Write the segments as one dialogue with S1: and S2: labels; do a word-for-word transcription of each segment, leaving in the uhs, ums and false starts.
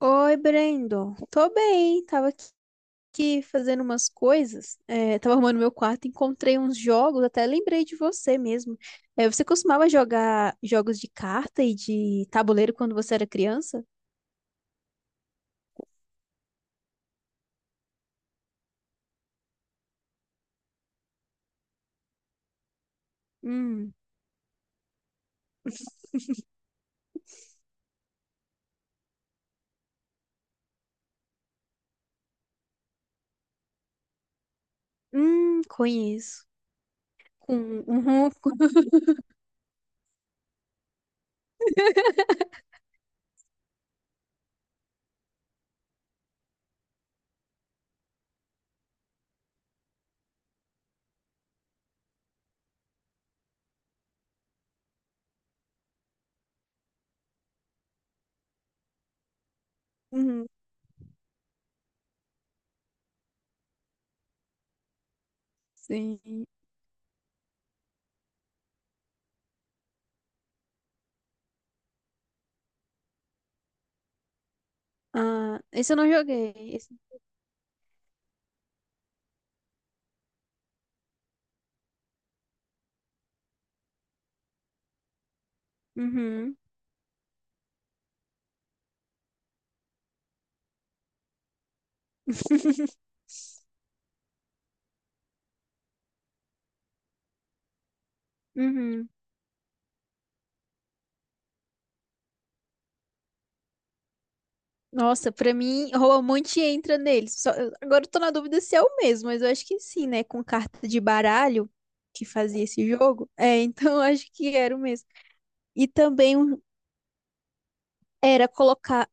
S1: Oi, Brendo. Tô bem, tava aqui aqui fazendo umas coisas, é, tava arrumando meu quarto, encontrei uns jogos, até lembrei de você mesmo. É, você costumava jogar jogos de carta e de tabuleiro quando você era criança? Hum, hum, conheço. Com, uhum, com, uhum, sim. Ah, esse eu não joguei. Esse, uhum. Uhum. Nossa, pra mim, Roamonte entra neles. Só- eu- agora eu tô na dúvida se é o mesmo, mas eu acho que sim, né? Com carta de baralho que fazia esse jogo. É, então eu acho que era o mesmo. E também um- era colocar.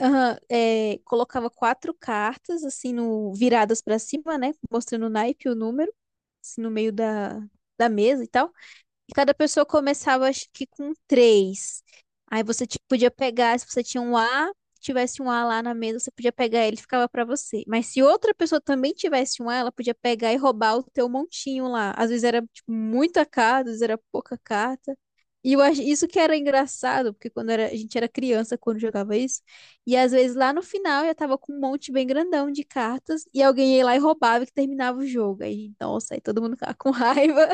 S1: Aham, é, colocava quatro cartas, assim, no, viradas pra cima, né? Mostrando o naipe, o número, assim, no meio da, da mesa e tal. E cada pessoa começava, acho que com três. Aí você ti- podia pegar, se você tinha um A, tivesse um A lá na mesa, você podia pegar ele, ficava pra você. Mas se outra pessoa também tivesse um A, ela podia pegar e roubar o teu montinho lá. Às vezes era, tipo, muita carta, às vezes era pouca carta. E eu acho, isso que era engraçado, porque quando era, a gente era criança, quando jogava isso, e às vezes lá no final já tava com um monte bem grandão de cartas, e alguém ia lá e roubava que terminava o jogo. Aí, nossa, aí todo mundo ficava com raiva.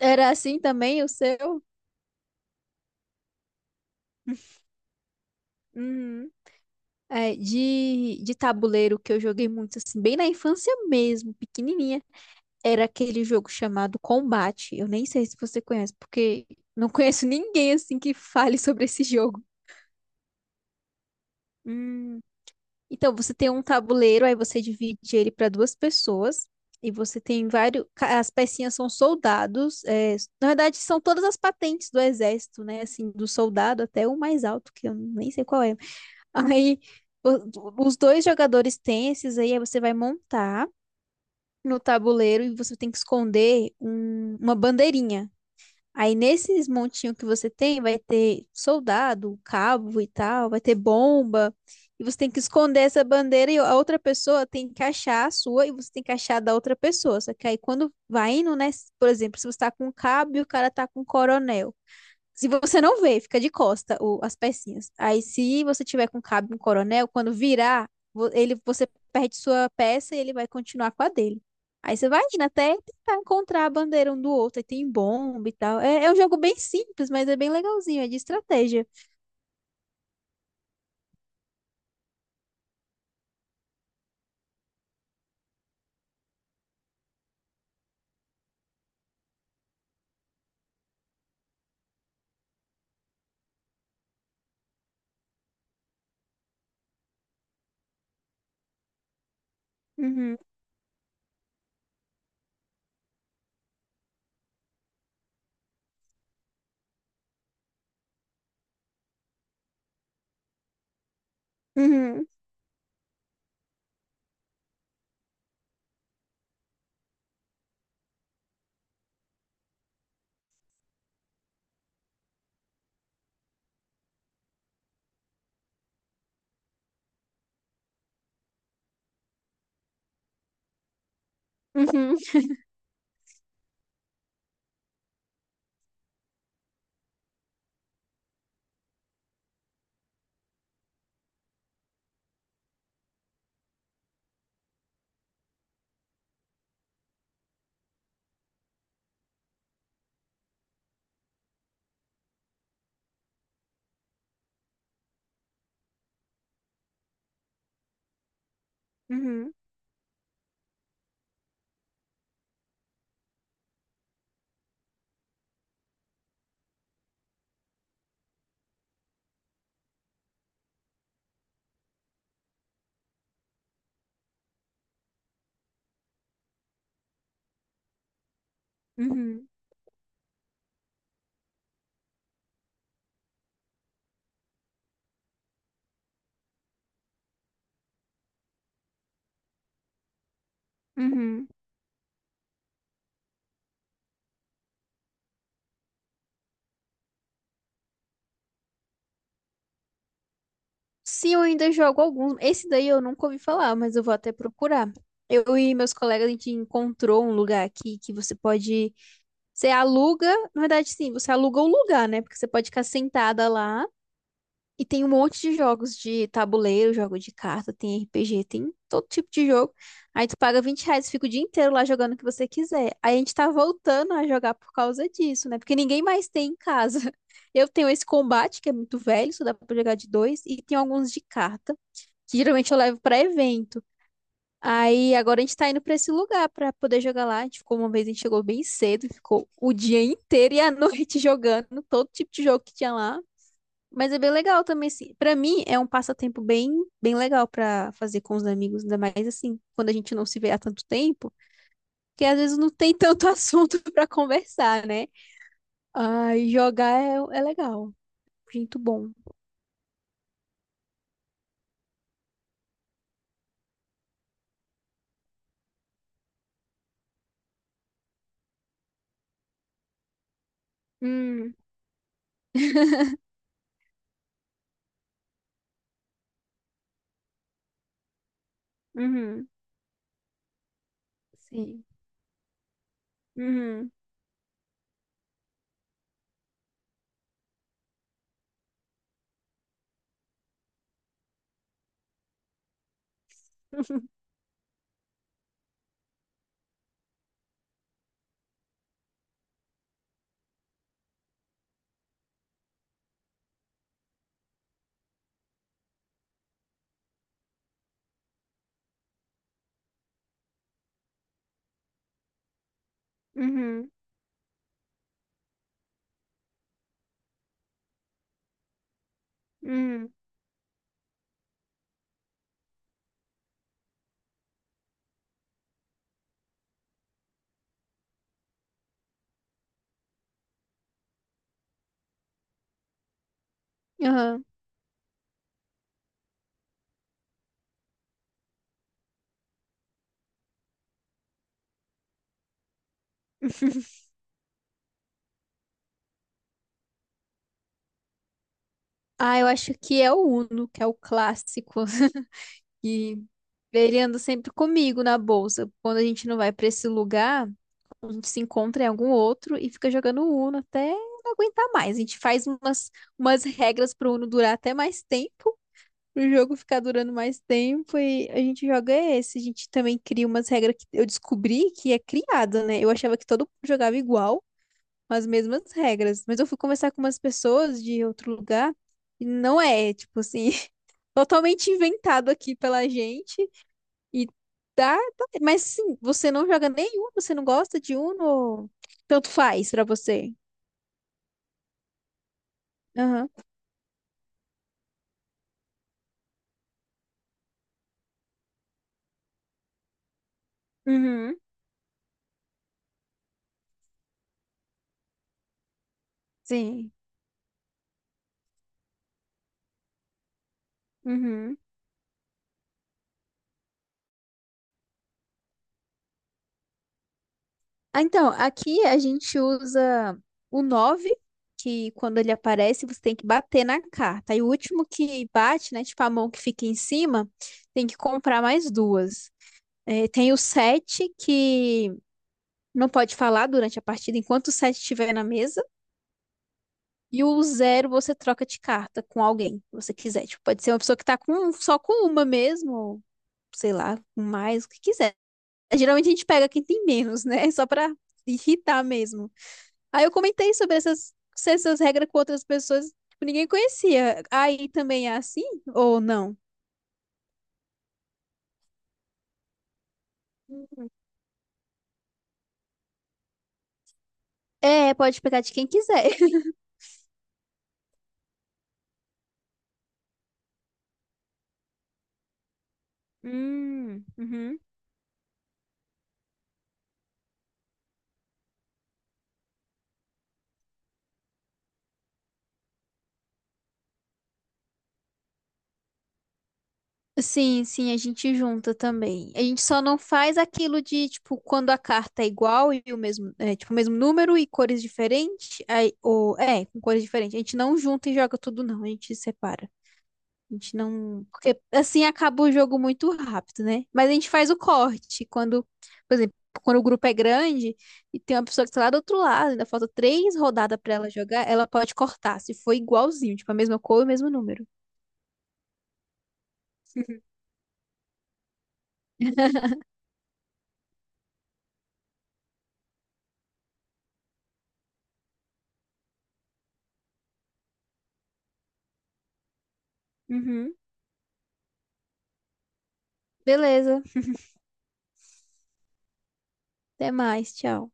S1: Era assim também o seu? Uhum. É, de, de tabuleiro que eu joguei muito, assim, bem na infância mesmo, pequenininha. Era aquele jogo chamado Combate. Eu nem sei se você conhece, porque não conheço ninguém, assim, que fale sobre esse jogo. Hum. Então, você tem um tabuleiro, aí você divide ele para duas pessoas. E você tem vários. ca- As pecinhas são soldados. É, na verdade, são todas as patentes do exército, né? Assim, do soldado até o mais alto, que eu nem sei qual é. Aí o- os dois jogadores têm esses aí, aí você vai montar no tabuleiro e você tem que esconder um- uma bandeirinha. Aí nesses montinhos que você tem, vai ter soldado, cabo e tal, vai ter bomba. E você tem que esconder essa bandeira e a outra pessoa tem que achar a sua e você tem que achar a da outra pessoa. Só que aí quando vai indo, né? Por exemplo, se você tá com um cabo e o cara tá com um coronel. Se você não vê, fica de costa o- as pecinhas. Aí, se você tiver com cabo um coronel, quando virar, vo- ele, você perde sua peça e ele vai continuar com a dele. Aí você vai indo até tentar encontrar a bandeira um do outro. Aí tem bomba e tal. É, é um jogo bem simples, mas é bem legalzinho. É de estratégia. Uhum, uhum, uhum, uhum, uhum, uhum. Sim, eu ainda jogo alguns. Esse daí eu nunca ouvi falar, mas eu vou até procurar. Eu e meus colegas, a gente encontrou um lugar aqui que você pode. Você aluga, na verdade, sim, você aluga o lugar, né? Porque você pode ficar sentada lá e tem um monte de jogos de tabuleiro, jogo de carta, tem R P G, tem todo tipo de jogo. Aí tu paga vinte reais e fica o dia inteiro lá jogando o que você quiser. Aí a gente tá voltando a jogar por causa disso, né? Porque ninguém mais tem em casa. Eu tenho esse combate, que é muito velho, só dá pra jogar de dois, e tem alguns de carta, que geralmente eu levo pra evento. Aí agora a gente tá indo pra esse lugar pra poder jogar lá. A gente ficou uma vez, a gente chegou bem cedo, ficou o dia inteiro e a noite jogando todo tipo de jogo que tinha lá. Mas é bem legal também, assim. Pra mim é um passatempo bem, bem legal pra fazer com os amigos, ainda mais assim, quando a gente não se vê há tanto tempo, que às vezes não tem tanto assunto pra conversar, né? Ai, jogar é, é legal, muito bom. Hum, uhum, sim. Uhum, uhum, uhum, uhum. Ah, eu acho que é o Uno, que é o clássico. E ele anda sempre comigo na bolsa. Quando a gente não vai pra esse lugar, a gente se encontra em algum outro e fica jogando Uno até não aguentar mais. A gente faz umas, umas regras pro Uno durar até mais tempo, pro jogo ficar durando mais tempo e a gente joga esse. A gente também cria umas regras que eu descobri que é criada, né? Eu achava que todo mundo jogava igual com as mesmas regras. Mas eu fui conversar com umas pessoas de outro lugar e não é, tipo assim, totalmente inventado aqui pela gente. E tá, tá- mas sim, você não joga nenhum, você não gosta de Uno, tanto faz pra você. Aham. Uhum. Sim. Uhum. Ah, então, aqui a gente usa o nove que quando ele aparece, você tem que bater na carta. E o último que bate, né, tipo a mão que fica em cima, tem que comprar mais duas. É, tem o sete que não pode falar durante a partida enquanto o sete estiver na mesa. E o zero você troca de carta com alguém que você quiser. Tipo, pode ser uma pessoa que tá com, um, só com uma mesmo, ou sei lá, com mais, o que quiser. Geralmente a gente pega quem tem menos, né? Só pra irritar mesmo. Aí eu comentei sobre essas, essas regras com outras pessoas que ninguém conhecia. Aí também é assim ou não? É, pode pegar de quem quiser. Hum, uhum. Sim, sim, a gente junta também. A gente só não faz aquilo de, tipo, quando a carta é igual e o mesmo, é, tipo, o mesmo número e cores diferentes, aí, ou, é, com cores diferentes. A gente não junta e joga tudo, não. A gente separa. A gente não. Porque assim acaba o jogo muito rápido, né? Mas a gente faz o corte. Quando, por exemplo, quando o grupo é grande e tem uma pessoa que tá lá do outro lado, ainda falta três rodadas pra ela jogar, ela pode cortar, se for igualzinho, tipo, a mesma cor e o mesmo número. Uhum. Beleza. Até mais. Tchau.